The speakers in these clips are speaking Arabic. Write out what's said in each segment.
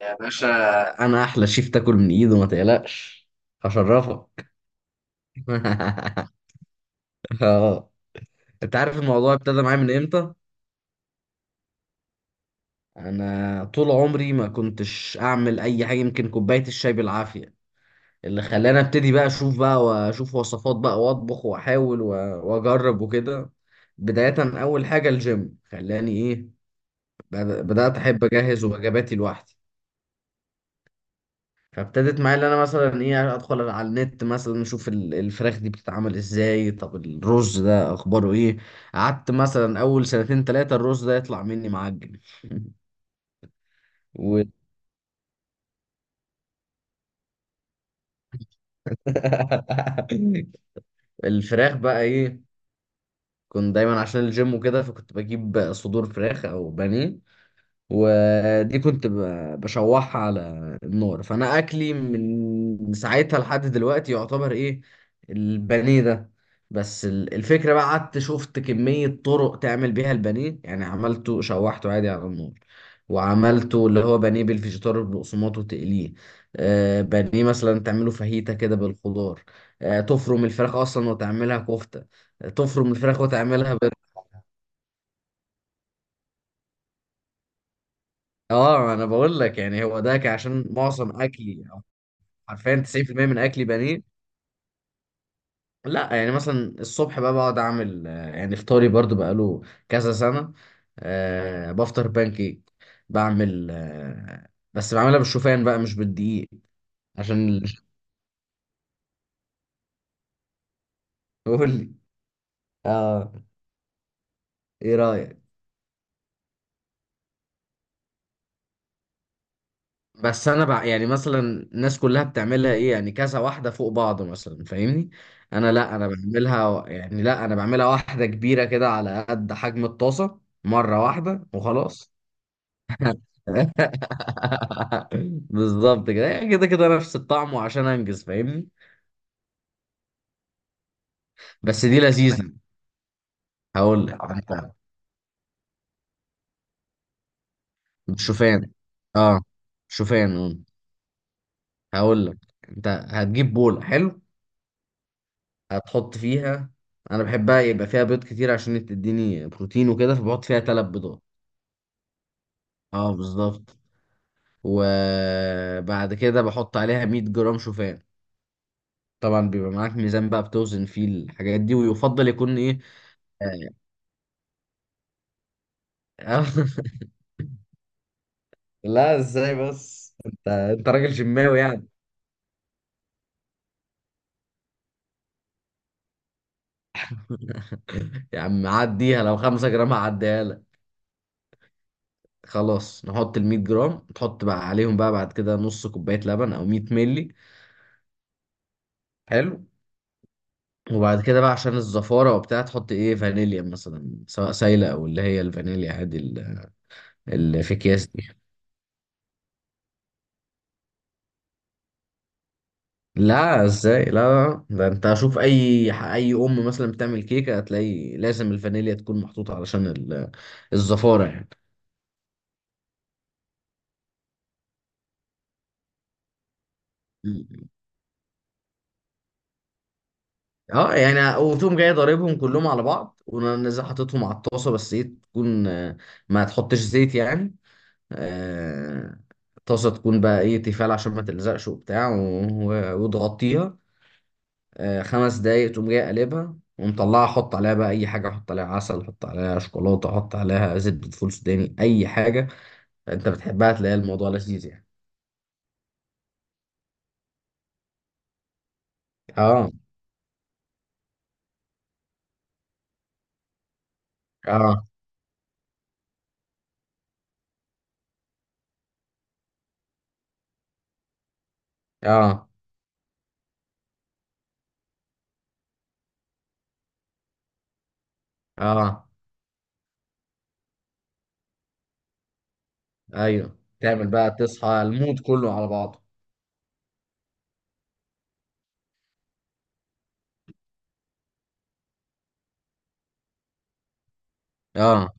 يا باشا، انا احلى شيف تاكل من ايده، ما تقلقش. هشرفك. اه. انت عارف الموضوع ابتدى معايا من امتى؟ انا طول عمري ما كنتش اعمل اي حاجه، يمكن كوبايه الشاي بالعافيه. اللي خلاني ابتدي بقى اشوف بقى واشوف وصفات بقى واطبخ واحاول واجرب وكده. بدايه، اول حاجه الجيم خلاني ايه، بدات احب اجهز وجباتي لوحدي. فابتدت معايا ان انا مثلا ايه ادخل على النت، مثلا اشوف الفراخ دي بتتعمل ازاي، طب الرز ده اخباره ايه. قعدت مثلا اول سنتين ثلاثة الرز ده يطلع مني معجن. و... الفراخ بقى ايه، كنت دايما عشان الجيم وكده فكنت بجيب صدور فراخ او بانيه، ودي كنت بشوحها على النار. فانا اكلي من ساعتها لحد دلوقتي يعتبر ايه، البانيه ده. بس الفكره بقى قعدت شفت كميه طرق تعمل بيها البانيه، يعني عملته شوحته عادي على النار، وعملته اللي هو بانيه بالفيجيتار والبقسماط وتقليه. بانيه مثلا تعمله فاهيتا كده بالخضار، تفرم الفراخ اصلا وتعملها كفته، تفرم الفراخ وتعملها اه، انا بقول لك يعني هو ده كان عشان معظم اكلي، حرفيا 90% من اكلي بانيه. لا، يعني مثلا الصبح بقى بقعد اعمل، يعني فطاري برضو بقاله كذا سنه. أه، بفطر بانكيك، بعمل بس بعملها بالشوفان بقى مش بالدقيق، عشان قول لي. اه. ايه رايك؟ بس انا بقى يعني مثلا الناس كلها بتعملها ايه يعني، كذا واحده فوق بعض مثلا، فاهمني؟ انا لا، انا بعملها يعني لا، انا بعملها واحده كبيره كده على قد حجم الطاسه، مره واحده وخلاص. بالظبط كده، يعني كده كده نفس الطعم، وعشان انجز، فاهمني؟ بس دي لذيذه. هقول لك انت، بالشوفان. اه، شوفان. آه. هقول لك. انت هتجيب بوله حلو، هتحط فيها، انا بحبها يبقى فيها بيض كتير عشان تديني بروتين وكده، فبحط فيها تلات بيضات. اه، بالظبط. وبعد كده بحط عليها 100 جرام شوفان. طبعا بيبقى معاك ميزان بقى بتوزن فيه الحاجات دي، ويفضل يكون ايه آه، لا، ازاي؟ بس انت راجل جماوي يعني. يا عم عديها، لو خمسة جرام هعديها لك. خلاص، نحط ال 100 جرام، تحط بقى عليهم بقى بعد كده نص كوباية لبن او 100 ملي. حلو. وبعد كده بقى، عشان الزفارة وبتاع، تحط ايه فانيليا مثلا، سواء سايلة او اللي هي الفانيليا عادي اللي في اكياس دي. لا، ازاي؟ لا لا، لا. ده انت اشوف اي اي ام مثلا بتعمل كيكة هتلاقي لازم الفانيليا تكون محطوطة علشان الزفارة. يعني اه يعني، وتقوم جاي ضاربهم كلهم على بعض ونزل حاططهم على الطاسه، بس ايه، تكون ما تحطش زيت يعني. آه، الطاسه تكون بقى ايه، تيفال، عشان ما تلزقش وبتاع، وتغطيها. خمس دقايق تقوم جاي قلبها ومطلعها، احط عليها بقى اي حاجه، احط عليها عسل، احط عليها شوكولاته، احط عليها زبده فول سوداني، اي حاجه انت بتحبها، تلاقي الموضوع لذيذ يعني. اه، اه، اه، اه، ايوه. تعمل بقى تصحى المود كله على بعضه. اه.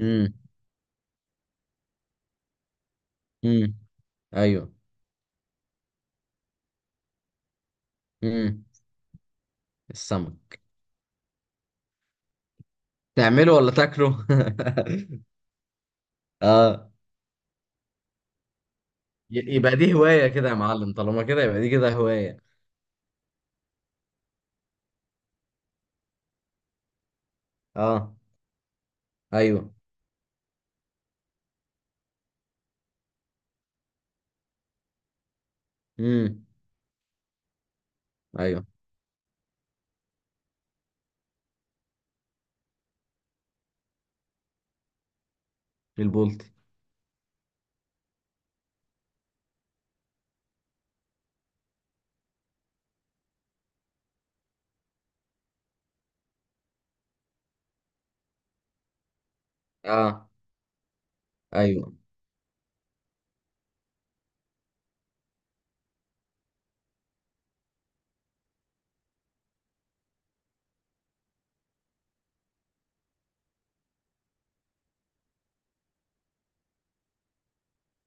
إمم. امم. ايوه. امم. السمك؟ تعمله ولا تاكله؟ اه. يبقى دي هواية كده يا معلم، طالما كده يبقى دي كده هواية. اه. ايوه. امم. ايوه. البولتي. اه. ايوه.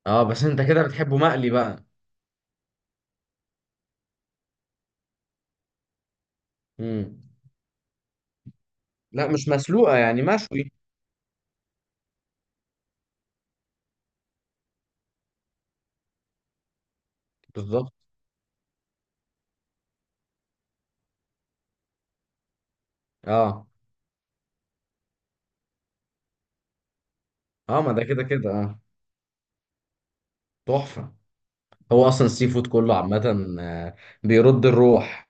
اه. بس انت كده بتحبه مقلي بقى. امم. لا، مش مسلوقة، يعني مشوي. بالظبط. اه. اه، ما ده كده كده. اه، تحفة. هو اصلا السي فود كله عامة، بيرد الروح.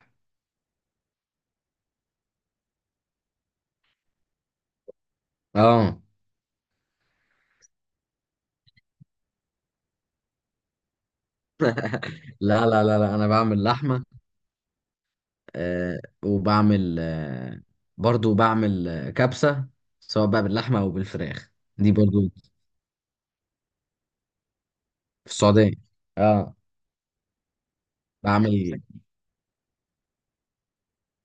اه. لا لا لا لا، انا بعمل لحمة، وبعمل برضو بعمل كبسة، سواء بقى باللحمة أو بالفراخ. دي برضو في السعودية. اه، بعمل.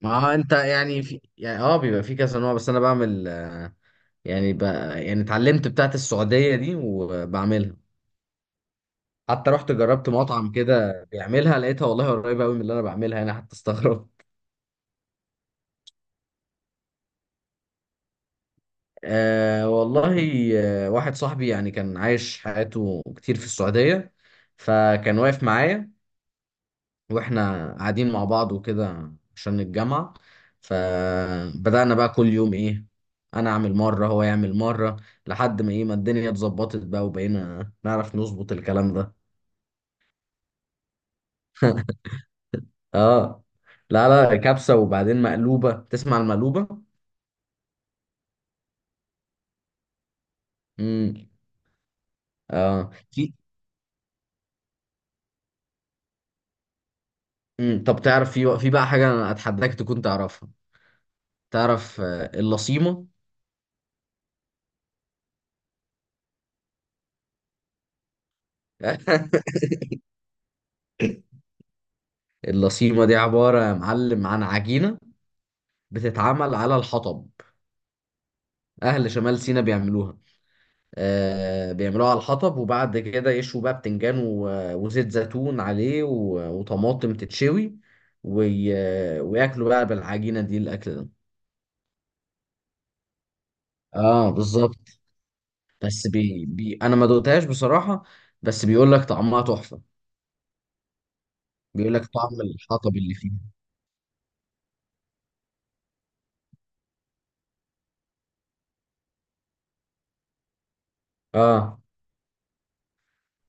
ما هو انت يعني في، يعني اه، بيبقى في كذا نوع، بس انا بعمل يعني يعني اتعلمت بتاعت السعودية دي وبعملها. حتى رحت جربت مطعم كده بيعملها، لقيتها والله قريبة قوي من اللي انا بعملها، انا حتى استغربت. آه والله. واحد صاحبي يعني كان عايش حياته كتير في السعودية، فكان واقف معايا واحنا قاعدين مع بعض وكده عشان الجامعة، فبدأنا بقى كل يوم ايه، انا اعمل مرة هو يعمل مرة، لحد ما ايه ما الدنيا اتظبطت بقى وبقينا نعرف نظبط الكلام ده. اه. لا لا، كبسة، وبعدين مقلوبة. تسمع المقلوبة؟ امم. اه، في. امم. طب تعرف في بقى حاجة انا اتحداك تكون تعرفها. تعرف اللصيمة؟ اللصيمة دي عبارة يا معلم عن عجينة بتتعمل على الحطب، أهل شمال سيناء بيعملوها. بيعملوها على الحطب، وبعد كده يشوا بقى بتنجان وزيت زيتون عليه وطماطم تتشوي، وياكلوا بقى بالعجينة دي الأكل ده. اه، بالظبط. بس انا ما دقتهاش بصراحة، بس بيقول لك طعمها تحفة، بيقول لك طعم الحطب اللي فيها. اه،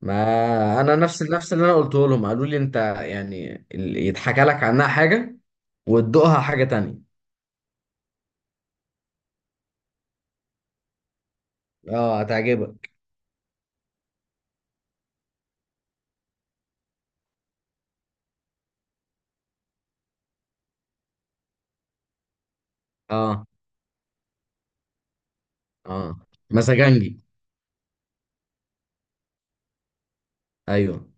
ما انا نفس نفس اللي انا قلته لهم، قالوا لي انت يعني يتحكى لك عنها حاجة وتدوقها حاجة تانية. اه، هتعجبك. اه. اه، مزاجنجي. ايوه.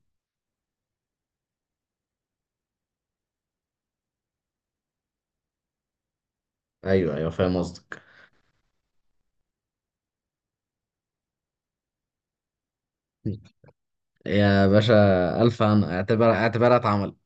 ايوه. ايوه، فاهم قصدك. يا باشا، الف، انا اعتبرها اتعملت.